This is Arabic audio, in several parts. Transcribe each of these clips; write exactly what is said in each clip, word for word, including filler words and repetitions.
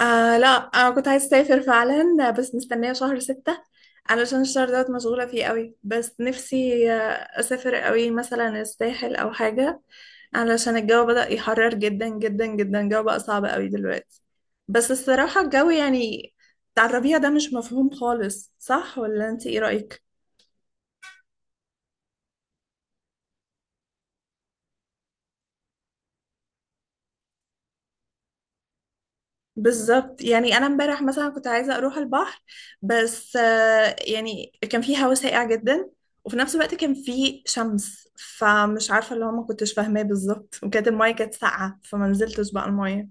آه، لا انا كنت عايزه اسافر فعلا، بس مستنيه شهر ستة علشان الشهر دوت مشغوله فيه قوي. بس نفسي آه، اسافر قوي، مثلا الساحل او حاجه، علشان الجو بدأ يحرر جدا جدا جدا. الجو بقى صعب قوي دلوقتي. بس الصراحه الجو يعني بتاع الربيع ده مش مفهوم خالص، صح ولا انت ايه رأيك؟ بالظبط. يعني انا امبارح مثلا كنت عايزه اروح البحر، بس آه، يعني كان في هوا ساقع جدا، وفي نفس الوقت كان في شمس. فمش عارفه اللي هو ما كنتش فاهماه بالظبط. وكانت المايه كانت ساقعه فما نزلتش بقى المايه.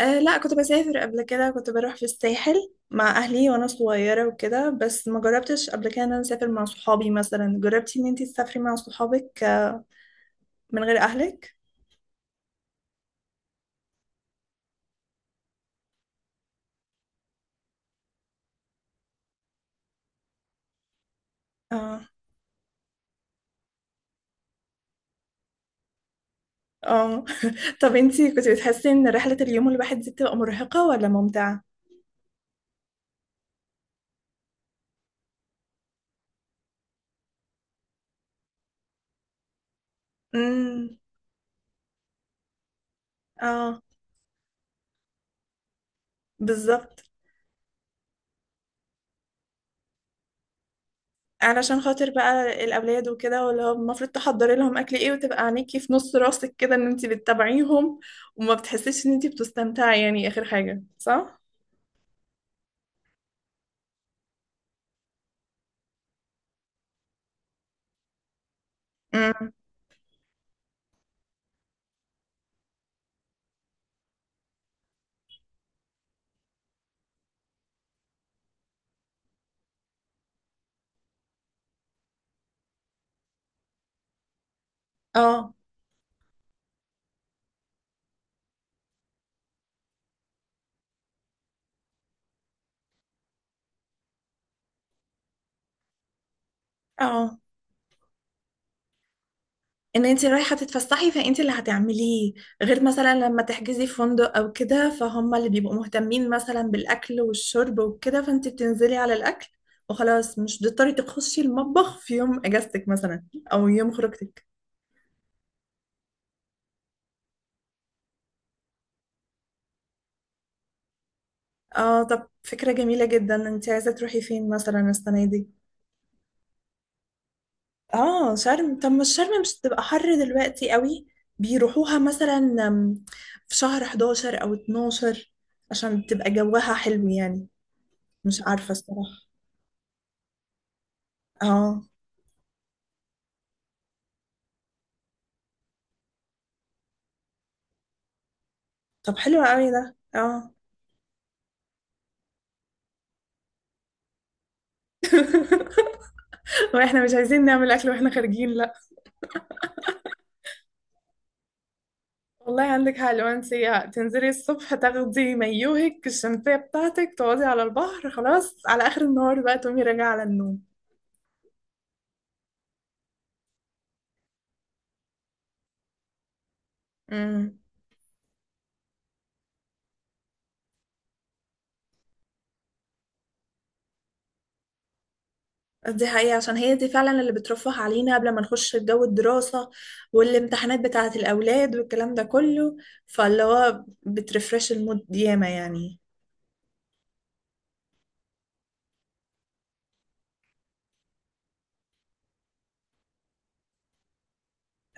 أه لا، كنت بسافر قبل كده، كنت بروح في الساحل مع اهلي وانا صغيره وكده. بس ما جربتش قبل كده ان انا اسافر مع صحابي. مثلا جربتي ان انتي تسافري مع صحابك آه، من غير اهلك؟ اه. اه. طب انتي كنت بتحسي ان رحله اليوم الواحد دي بتبقى مرهقه ولا ممتعه؟ امم. اه. بالظبط. علشان خاطر بقى الاولاد وكده، واللي هو المفروض تحضري لهم اكل ايه، وتبقى عينيكي في نص راسك كده ان انت بتتابعيهم، وما بتحسيش ان انت بتستمتعي يعني، اخر حاجه، صح. امم. اه. اه. ان انت رايحه تتفسحي فانت اللي هتعمليه، غير مثلا لما تحجزي في فندق او كده فهم اللي بيبقوا مهتمين مثلا بالاكل والشرب وكده، فانت بتنزلي على الاكل، وخلاص مش بتضطري تخشي المطبخ في يوم اجازتك مثلا، او يوم خروجتك. اه، طب فكرة جميلة جدا. انت عايزة تروحي فين مثلا السنة دي؟ اه شرم. طب مش شرم مش تبقى حر دلوقتي قوي؟ بيروحوها مثلا أم، في شهر احداشر او اتناشر عشان تبقى جوها حلو يعني. مش عارفة الصراحة. اه. طب حلو قوي ده، اه. واحنا مش عايزين نعمل اكل واحنا خارجين، لا. والله عندك حق. لو انت تنزلي الصبح تاخدي مايوهك الشمسية بتاعتك، تقعدي على البحر خلاص على اخر النهار، بقى تقومي راجعة على النوم. امم. دي حقيقة، عشان هي دي فعلا اللي بترفه علينا قبل ما نخش في جو الدراسة والامتحانات بتاعة الأولاد والكلام ده كله. فاللي هو بترفرش المود ياما يعني.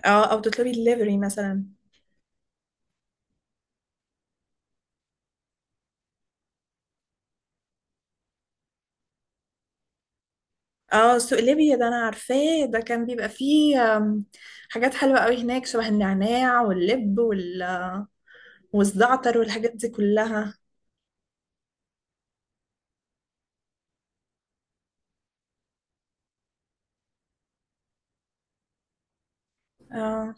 اه، أو تطلبي الليفري مثلا. اه، سوق ليبيا ده أنا عارفاه. ده كان بيبقى فيه آم، حاجات حلوة قوي هناك، شبه النعناع واللب وال... والزعتر والحاجات دي كلها. اه.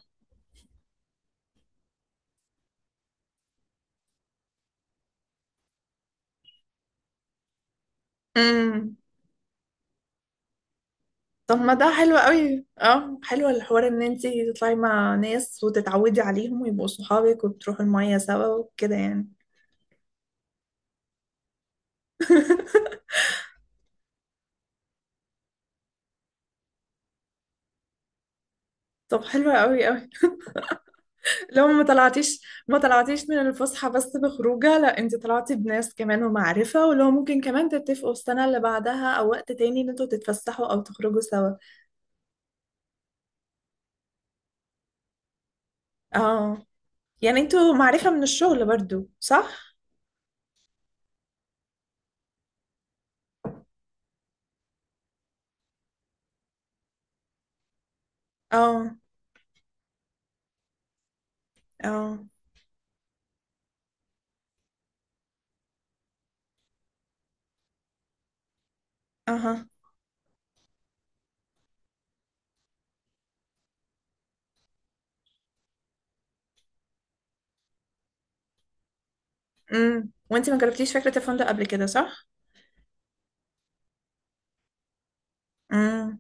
أمم. طب ما ده حلو قوي، اه. حلو الحوار ان انتي تطلعي مع ناس وتتعودي عليهم ويبقوا صحابك، وبتروحوا المية سوا وكده يعني. طب حلو قوي قوي. لو ما طلعتيش ما طلعتيش من الفسحة بس بخروجة، لا انتي طلعتي بناس كمان ومعرفة، ولو ممكن كمان تتفقوا السنة اللي بعدها او وقت تاني ان انتوا تتفسحوا او تخرجوا سوا. اه، يعني انتوا معرفة من الشغل برضو، صح؟ اه. اه. اها. امم، وانتي ما جربتيش فكرة الفندق قبل كده، صح؟ مم.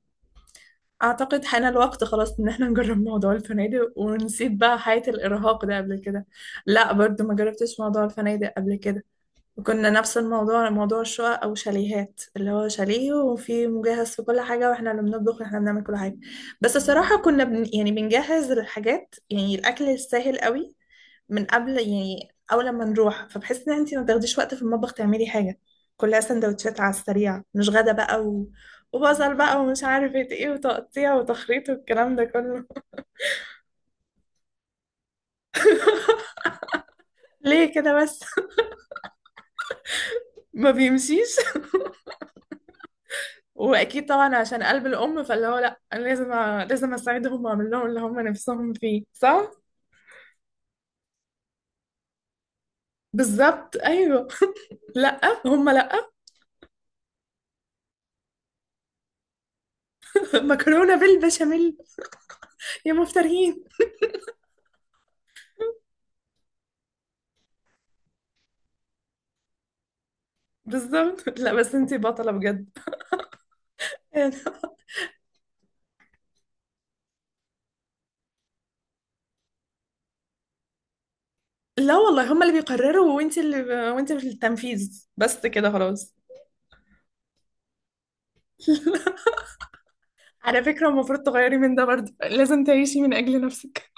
أعتقد حان الوقت خلاص إن احنا نجرب موضوع الفنادق، ونسيب بقى حياة الإرهاق ده قبل كده. لا، برضو ما جربتش موضوع الفنادق قبل كده، وكنا نفس الموضوع، موضوع الشقق أو شاليهات، اللي هو شاليه وفي مجهز في كل حاجة، واحنا اللي بنطبخ واحنا بنعمل كل حاجة. بس الصراحة كنا بن، يعني بنجهز الحاجات، يعني الأكل السهل قوي من قبل، يعني أول لما نروح. فبحس إن أنتي ما بتاخديش وقت في المطبخ تعملي حاجة، كلها سندوتشات على السريع، مش غدا بقى و... وبصل بقى ومش عارفة ايه، وتقطيع وتخريط والكلام ده كله. ليه كده بس؟ ما بيمشيش. واكيد طبعا عشان قلب الام، فاللي هو لا انا لازم أ... لازم اساعدهم واعمل لهم اللي هم نفسهم فيه، صح. بالظبط، ايوه. لا. هم لا. مكرونه بالبشاميل، يا مفترين. بالظبط. لا بس انتي بطله بجد. لا والله هما اللي بيقرروا وانت اللي ب... وانت في التنفيذ بس كده خلاص. على فكرة المفروض تغيري من ده برضه، لازم تعيشي من أجل نفسك.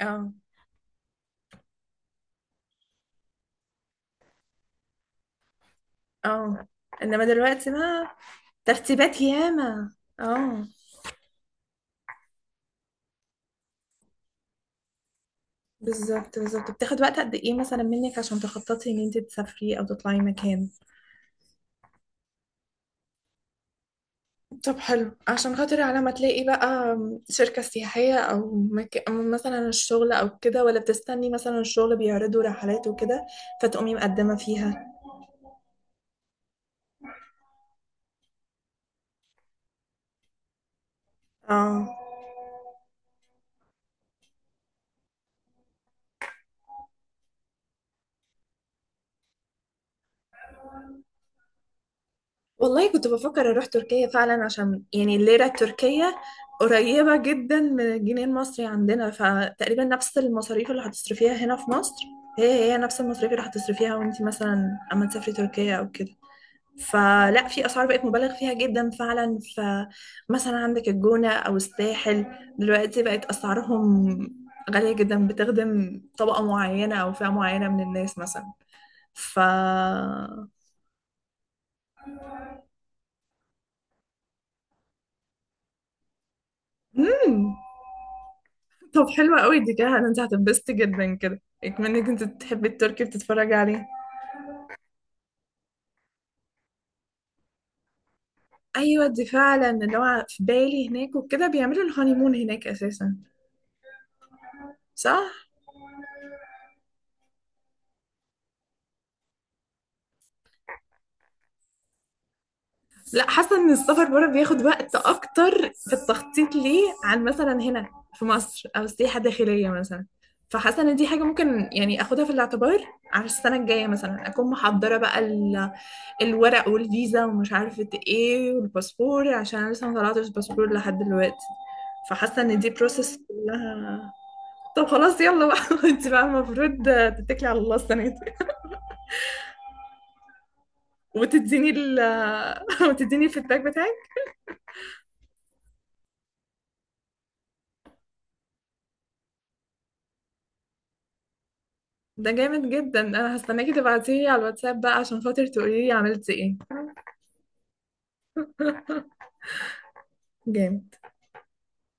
اه. اه. انما دلوقتي ما. ترتيبات ياما. اه. بالظبط بالظبط. بتاخد وقت قد ايه مثلا منك عشان تخططي ان انت تسافري او تطلعي مكان؟ طب حلو، عشان خاطر على ما تلاقي بقى شركة سياحية، او مك... أو مثلا الشغل او كده، ولا بتستني مثلا الشغل بيعرضوا رحلات وكده فتقومي مقدمة فيها. اه، والله كنت بفكر اروح تركيا فعلا، عشان يعني الليرة التركية قريبة جدا من الجنيه المصري عندنا، فتقريبا نفس المصاريف اللي هتصرفيها هنا في مصر، هي هي نفس المصاريف اللي هتصرفيها وانت مثلا اما تسافري تركيا او كده. فلا، في اسعار بقت مبالغ فيها جدا فعلا، فمثلا عندك الجونة او الساحل دلوقتي بقت اسعارهم غالية جدا، بتخدم طبقة معينة او فئة معينة من الناس مثلا. ف. مم. طب حلوة قوي دي كده، انت هتنبسطي جدا كده، اكمنك انت بتحبي التركي بتتفرجي عليه. ايوه، دي فعلا اللي هو في بالي، هناك وكده بيعملوا الهانيمون هناك اساسا، صح. لا، حاسه ان السفر بره بياخد وقت اكتر في التخطيط ليه، عن مثلا هنا في مصر او السياحه الداخليه مثلا. فحاسه ان دي حاجه ممكن يعني اخدها في الاعتبار على السنه الجايه مثلا، اكون محضره بقى ال... الورق والفيزا ومش عارفه ايه والباسبور، عشان أنا لسه ما طلعتش باسبور لحد دلوقتي. فحاسه ان دي بروسس كلها. طب خلاص يلا بقى. انت بقى المفروض تتكلي على الله السنه دي. وتديني ال. وتديني الفيدباك بتاعك. ده جامد جدا، انا هستناكي تبعتيلي على الواتساب بقى عشان خاطر تقولي لي عملتي ايه. جامد.